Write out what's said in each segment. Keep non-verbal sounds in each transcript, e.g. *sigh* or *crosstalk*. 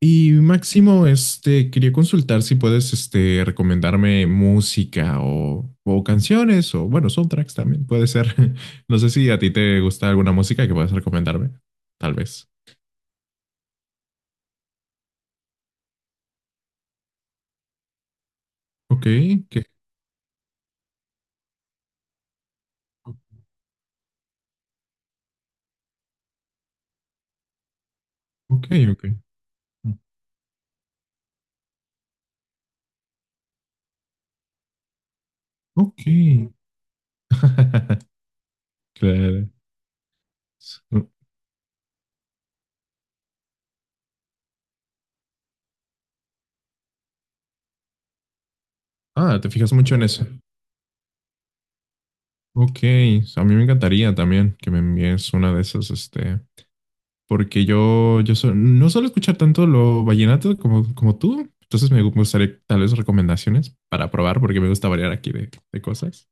Y Máximo, quería consultar si puedes, recomendarme música o, canciones o, bueno, soundtracks también puede ser. *laughs* No sé si a ti te gusta alguna música que puedas recomendarme, tal vez. Ok, que, ok, ok, ok. *laughs* Claro. Ah, te fijas mucho en eso. Ok, a mí me encantaría también que me envíes una de esas. Porque yo no suelo escuchar tanto lo vallenato como, tú, entonces me gustaría tal vez recomendaciones para probar, porque me gusta variar aquí de, cosas.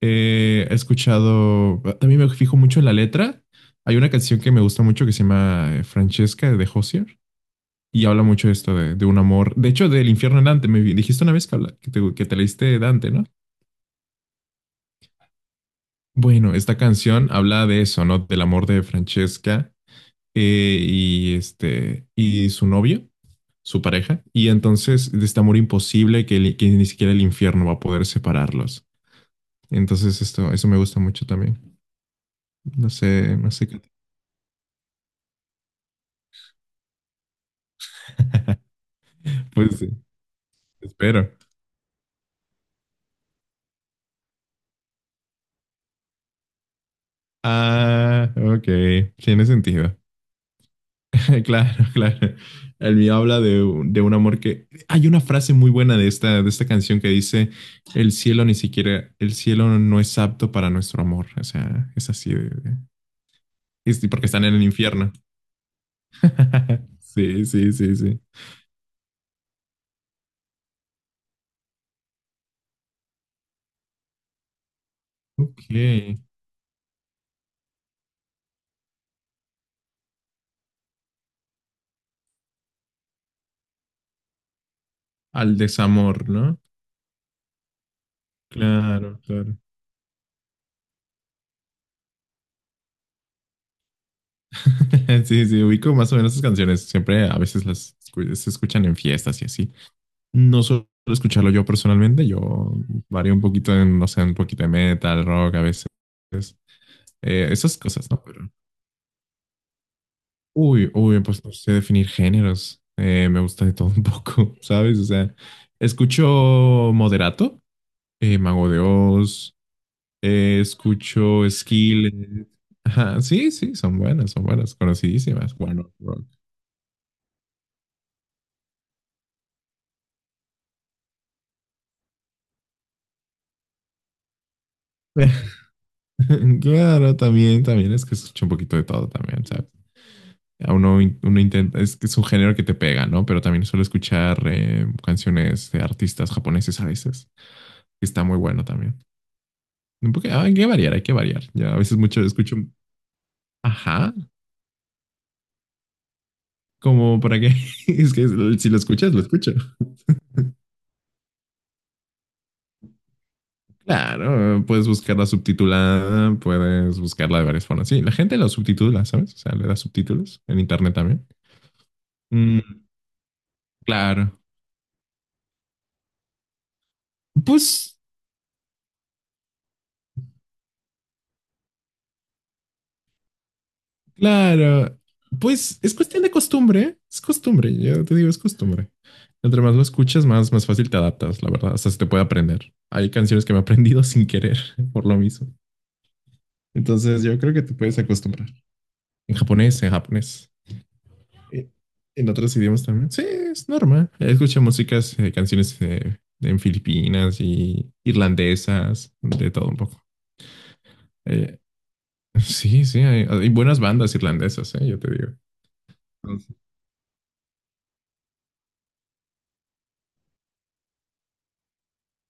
He escuchado, también me fijo mucho en la letra. Hay una canción que me gusta mucho que se llama Francesca de Hozier y habla mucho de esto de, un amor, de hecho del infierno en Dante, dijiste una vez que te leíste Dante, ¿no? Bueno, esta canción habla de eso, ¿no? Del amor de Francesca y y su novio, su pareja, y entonces de este amor imposible que ni siquiera el infierno va a poder separarlos. Entonces esto, eso me gusta mucho también. No sé, no sé qué. Pues sí, espero. Ah, ok, tiene sentido. *laughs* Claro, claro. El mío habla de, de un amor que. Hay una frase muy buena de esta canción que dice, el cielo ni siquiera, el cielo no es apto para nuestro amor. O sea, es así es porque están en el infierno. *laughs* Sí, sí, sí, sí. Ok. Al desamor, ¿no? Claro, claro. *laughs* Sí, sí, ubico más o menos esas canciones. Siempre a veces se escuchan en fiestas y así. No suelo escucharlo yo personalmente. Yo varío un poquito en, no sé, un poquito de metal, rock a veces. Esas cosas, ¿no? Pero, uy, uy, pues no sé definir géneros. Me gusta de todo un poco, *laughs* ¿sabes? O sea, escucho moderato, Mago de Oz, escucho Skillet. Ajá, sí, sí, son buenas, conocidísimas. Bueno, rock. *laughs* Claro, también, también es que escucho un poquito de todo también, ¿sabes? A uno, uno intenta, es que es un género que te pega, ¿no? Pero también suelo escuchar canciones de artistas japoneses a veces, que está muy bueno también. Un poco, ah, hay que variar, hay que variar. Ya a veces mucho escucho, ajá, como para qué, *laughs* es que si lo escuchas, lo escucho. Claro, puedes buscarla subtitulada, puedes buscarla de varias formas. Sí, la gente la subtitula, ¿sabes? O sea, le da subtítulos en internet también. Mm, claro. Pues, claro. Pues es cuestión de costumbre. Es costumbre, yo te digo, es costumbre. Entre más lo escuchas, más fácil te adaptas, la verdad. Hasta se te puede aprender. Hay canciones que me he aprendido sin querer *laughs* por lo mismo. Entonces, yo creo que te puedes acostumbrar. En japonés, en japonés. Eh, En otros idiomas también. Sí, es normal. Escucho músicas, canciones en Filipinas y irlandesas, de todo un poco. Eh, *laughs* sí, sí, hay buenas bandas irlandesas, yo te digo. Entonces,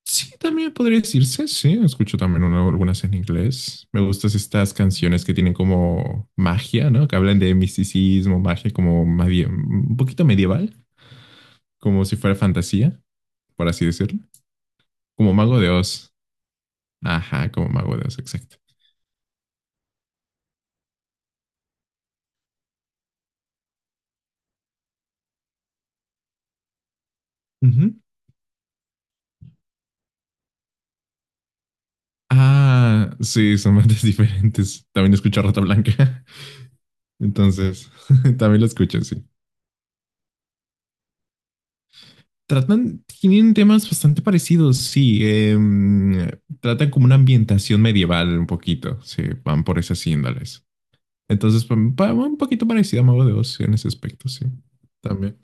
sí, también podría decirse, sí, escucho también algunas en inglés. Me gustan estas canciones que tienen como magia, ¿no? Que hablan de misticismo, magia como un poquito medieval, como si fuera fantasía, por así decirlo. Como Mago de Oz. Ajá, como Mago de Oz, exacto. Ah, sí, son bandas *laughs* diferentes. También escucho a Rata Blanca. *laughs* Entonces, *laughs* también lo escucho, sí. Tratan, tienen temas bastante parecidos, sí. Tratan como una ambientación medieval un poquito, sí, van por esas índoles. Entonces, un poquito parecida a Mago de Oz sí, en ese aspecto, sí, también.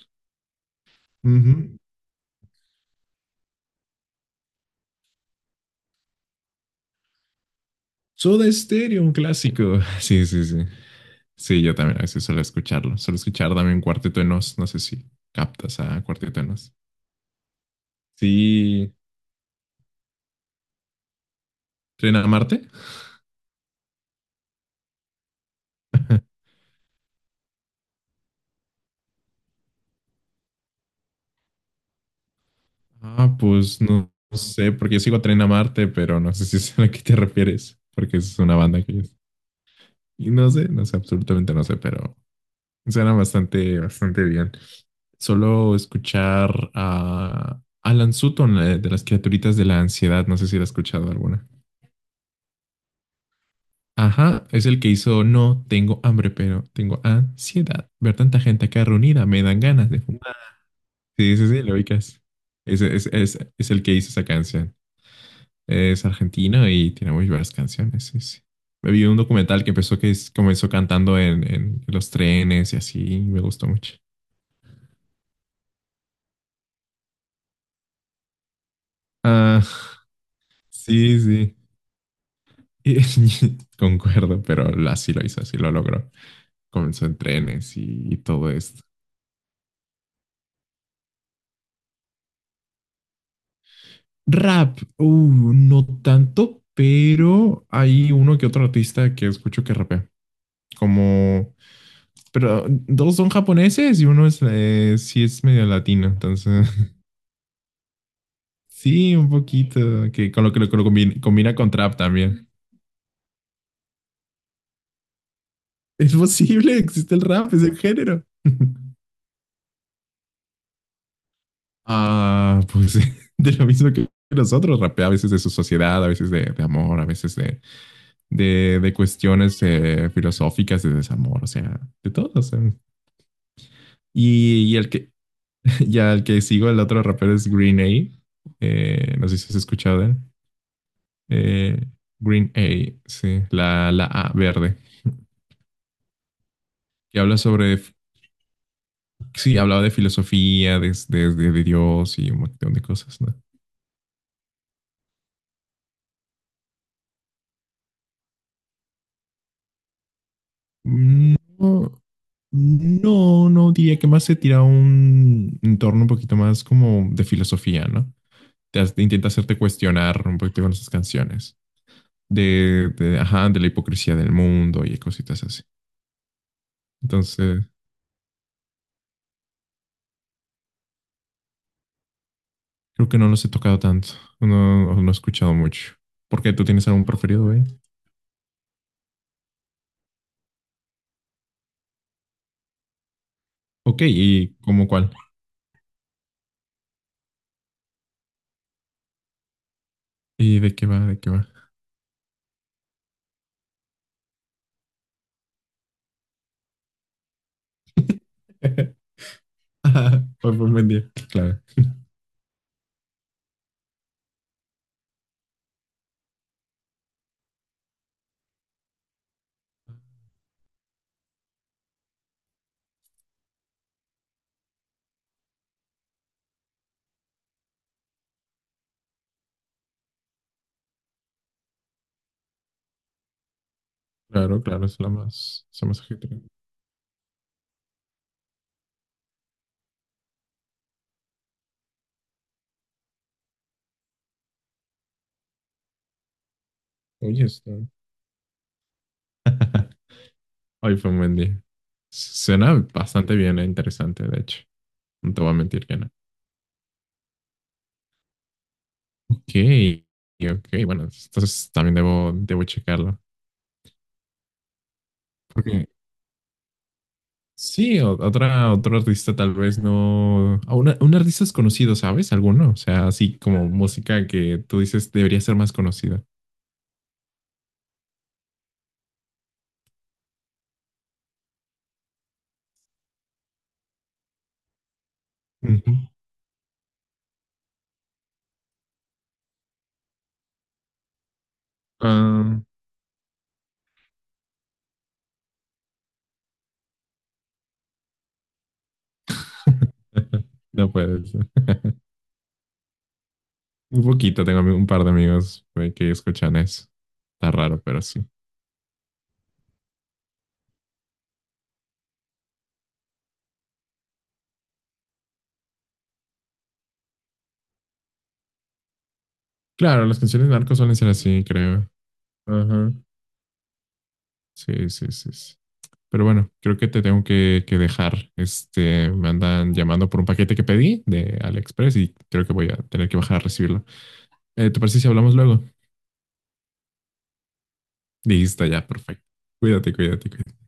Ujú. Soda Stereo, un clásico. *laughs* Sí, sí, sí. Sí, yo también a veces suelo escucharlo. Suelo escuchar también Cuarteto de Nos, no sé si captas a Cuarteto de Nos. Sí, ¿Tren a Marte? Ah, pues no, no sé, porque yo sigo Tren a Marte, pero no sé si es a la que te refieres, porque es una banda que. Y no sé, no sé, absolutamente no sé, pero suena bastante, bastante bien. Solo escuchar a Alan Sutton, de las criaturitas de la ansiedad, no sé si la has escuchado alguna. Ajá, es el que hizo No tengo hambre, pero tengo ansiedad. Ver tanta gente acá reunida me dan ganas de fumar. Sí, sí, sí, lo ubicas. Es el que hizo esa canción. Es argentino y tiene muy buenas canciones. Sí, sí. Me vi un documental que empezó comenzó cantando en los trenes y así, y me gustó mucho. Ah, sí, sí. Y- *laughs* Concuerdo, pero así lo hizo, así lo logró. Comenzó en trenes y todo esto. Rap, no tanto, pero hay uno que otro artista que escucho que rapea. Como, pero dos son japoneses y uno es, sí es medio latino, entonces sí, un poquito, que con lo que lo, que lo combina, combina con trap también. Es posible, existe el rap, es el género. *laughs* Ah, pues *laughs* de lo mismo que nosotros, rapea a veces de su sociedad, a veces de, amor, a veces de cuestiones filosóficas, de desamor, o sea, de todo. O sea. Y el que, *laughs* ya el que sigo, el otro rapero es Green A. No sé si has escuchado de él. Eh, Green A, sí, la A verde, que habla sobre sí, hablaba de filosofía, de Dios y un montón de cosas, ¿no? No, no, no, diría que más se tira a un entorno un poquito más como de filosofía, ¿no? Intenta hacerte cuestionar un poquito con esas canciones. De, ajá, de la hipocresía del mundo y cositas así. Entonces, creo que no los he tocado tanto. No, no he escuchado mucho. ¿Por qué? ¿Tú tienes algún preferido, eh? Ok, ¿y cómo cuál? ¿Y de qué va? ¿De qué va? *laughs* *laughs* Ajá, Hoy fue un buen día. Claro, claro, claro, es la más agitada. Oye, está. *laughs* Hoy fue un buen día. Suena bastante bien e interesante, de hecho. No te voy a mentir que no. Ok, ok, bueno, entonces también debo checarlo. Porque sí, otra, otro artista tal vez no. A un artista es conocido, ¿sabes? Alguno. O sea, así como música que tú dices debería ser más conocida. Ujú. Ah, *laughs* no puede ser. *laughs* Un poquito, tengo un par de amigos que escuchan eso. Está raro, pero sí. Claro, las canciones de narcos suelen ser así, creo. Ajá. Sí, sí, sí, sí. Pero bueno, creo que te tengo que dejar. Me andan llamando por un paquete que pedí de AliExpress y creo que voy a tener que bajar a recibirlo. ¿Te parece si hablamos luego? Listo, ya, perfecto. Cuídate, cuídate, cuídate.